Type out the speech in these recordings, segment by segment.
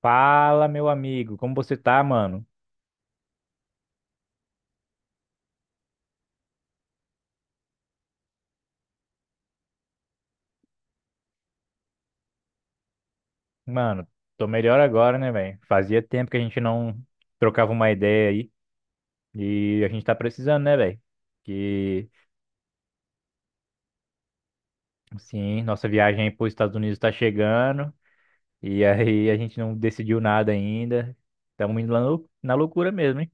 Fala, meu amigo, como você tá, mano? Mano, tô melhor agora, né, velho? Fazia tempo que a gente não trocava uma ideia aí e a gente tá precisando, né, velho? Que, sim, nossa viagem para os Estados Unidos tá chegando e aí a gente não decidiu nada ainda. Estamos indo lá na loucura mesmo, hein?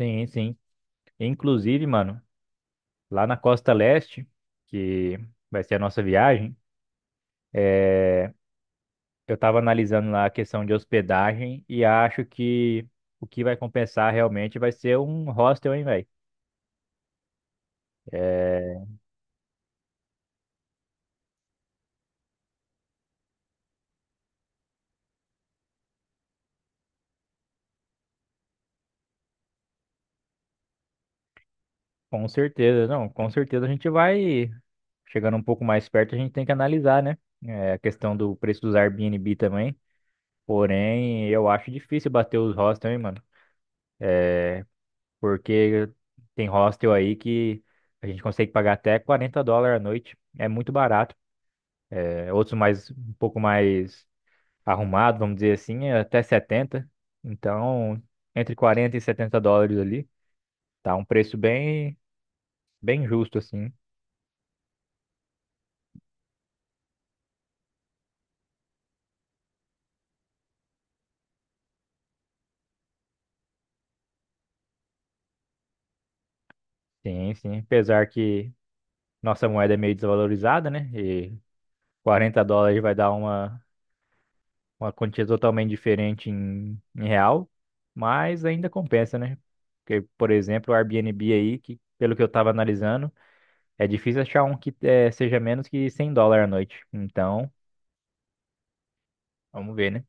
Sim, sim. Inclusive, mano, lá na Costa Leste, que vai ser a nossa viagem, é, eu estava analisando lá a questão de hospedagem e acho que o que vai compensar realmente vai ser um hostel, hein, velho? É, com certeza, não, com certeza a gente vai chegando um pouco mais perto, a gente tem que analisar, né? É, a questão do preço dos Airbnb também. Porém, eu acho difícil bater os hostels, hein, mano? Porque tem hostel aí que a gente consegue pagar até US$ 40 a noite. É muito barato. É, outros mais um pouco mais arrumado, vamos dizer assim, é até 70. Então, entre 40 e US$ 70 ali, tá um preço bem, bem justo assim. Sim, sim. Apesar que nossa moeda é meio desvalorizada, né? E US$ 40 vai dar uma quantia totalmente diferente em real, mas ainda compensa, né? Porque, por exemplo, o Airbnb aí, que pelo que eu tava analisando, é difícil achar um que seja menos que US$ 100 a noite. Então, vamos ver, né?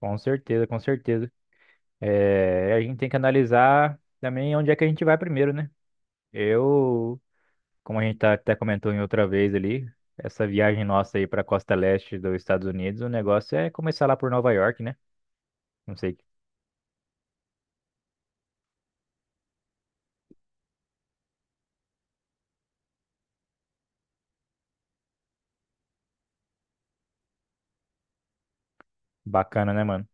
Com certeza, com certeza. É, a gente tem que analisar também onde é que a gente vai primeiro, né? Eu, Como a gente tá, até comentou em outra vez ali, essa viagem nossa aí para costa leste dos Estados Unidos, o negócio é começar lá por Nova York, né? Não sei, bacana, né, mano?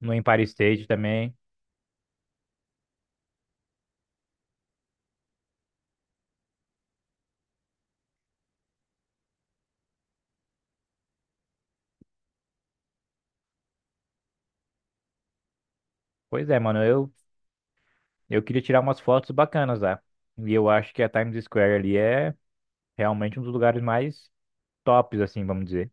No Empire State também. Pois é, mano, eu queria tirar umas fotos bacanas lá. E eu acho que a Times Square ali é realmente um dos lugares mais tops, assim, vamos dizer.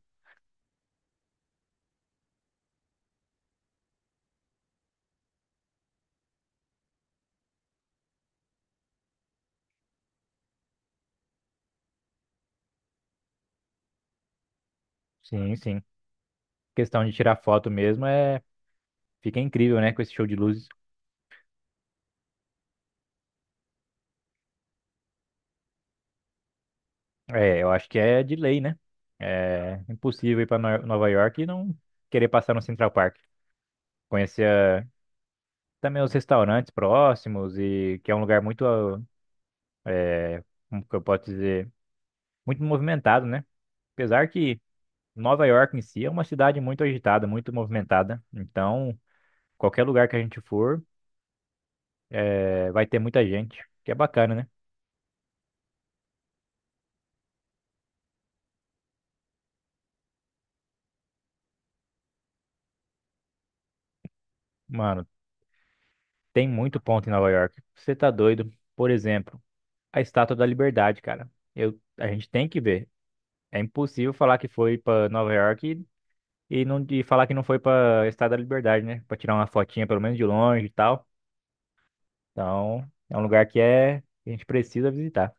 Sim, sim. Questão de tirar foto mesmo fica incrível, né, com esse show de luzes. É, eu acho que é de lei, né? É impossível ir para Nova York e não querer passar no Central Park. Conhecer também os restaurantes próximos e que é um lugar muito, eh, como que eu posso dizer, muito movimentado, né? Apesar que Nova York em si é uma cidade muito agitada, muito movimentada. Então, qualquer lugar que a gente for, vai ter muita gente, que é bacana, né? Mano, tem muito ponto em Nova York. Você tá doido? Por exemplo, a Estátua da Liberdade, cara. A gente tem que ver. É impossível falar que foi pra Nova York e não falar que não foi pra Estado da Liberdade, né? Pra tirar uma fotinha pelo menos de longe e tal. Então, é um lugar que a gente precisa visitar.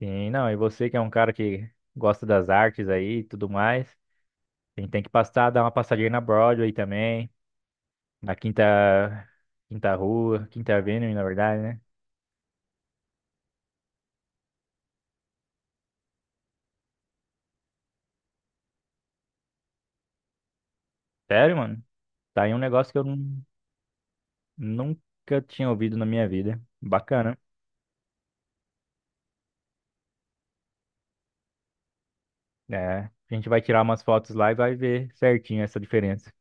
E não, e você que é um cara que gosta das artes aí e tudo mais, a gente tem que passar, dar uma passadinha na Broadway também, na Quinta Rua, Quinta Avenue, na verdade, né? Sério, mano? Tá aí um negócio que eu nunca tinha ouvido na minha vida. Bacana. É, a gente vai tirar umas fotos lá e vai ver certinho essa diferença.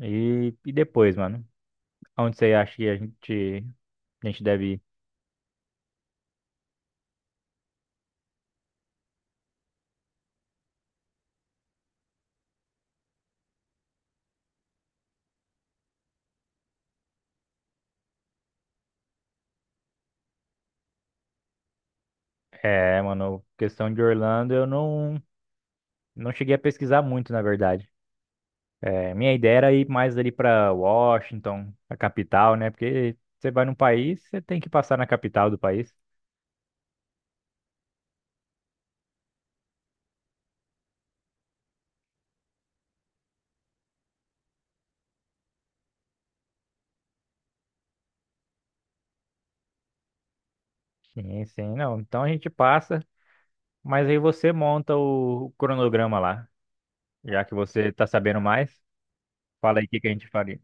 E depois, mano, onde você acha que a gente deve ir? É, mano, questão de Orlando, eu não cheguei a pesquisar muito, na verdade. É, minha ideia era ir mais ali pra Washington, a capital, né? Porque você vai num país, você tem que passar na capital do país. Sim, sim, não. Então a gente passa, mas aí você monta o cronograma lá, já que você tá sabendo mais. Fala aí o que que a gente faria.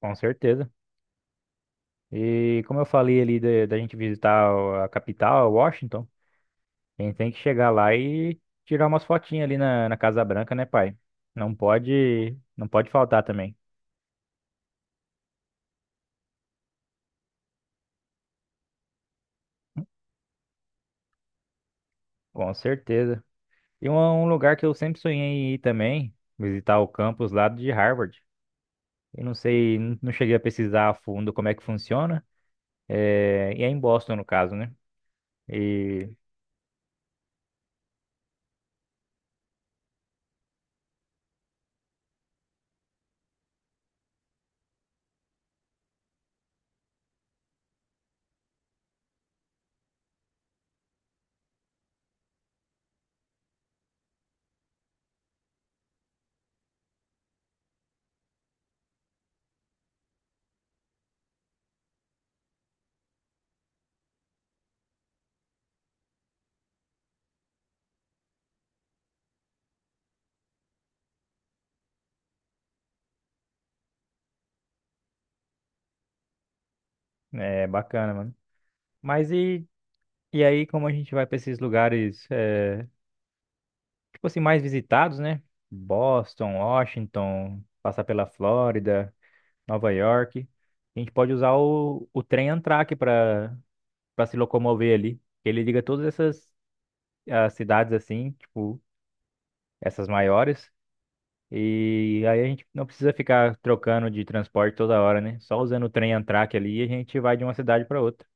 Com certeza. E como eu falei ali da gente visitar a capital, Washington, a gente tem que chegar lá e tirar umas fotinhas ali na Casa Branca, né, pai? Não pode, não pode faltar também. Com certeza. E um lugar que eu sempre sonhei em ir também, visitar o campus lá de Harvard. Eu não sei, não cheguei a pesquisar a fundo como é que funciona. É, e é em Boston, no caso, né? E é bacana, mano. Mas e aí, como a gente vai para esses lugares? Tipo assim, mais visitados, né? Boston, Washington, passar pela Flórida, Nova York. A gente pode usar o trem Amtrak para se locomover ali. Ele liga todas essas cidades assim, tipo, essas maiores. E aí a gente não precisa ficar trocando de transporte toda hora, né? Só usando o trem Amtrak ali, a gente vai de uma cidade para outra.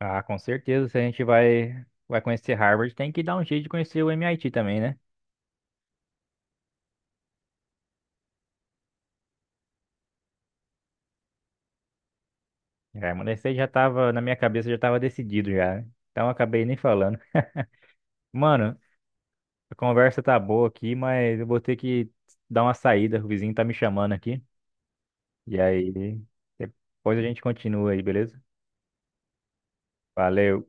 Ah, com certeza, se a gente vai conhecer Harvard, tem que dar um jeito de conhecer o MIT também, né? Remanescente já tava, na minha cabeça já tava decidido já, né? Então eu acabei nem falando. Mano, a conversa tá boa aqui, mas eu vou ter que dar uma saída, o vizinho tá me chamando aqui. E aí, depois a gente continua aí, beleza? Valeu.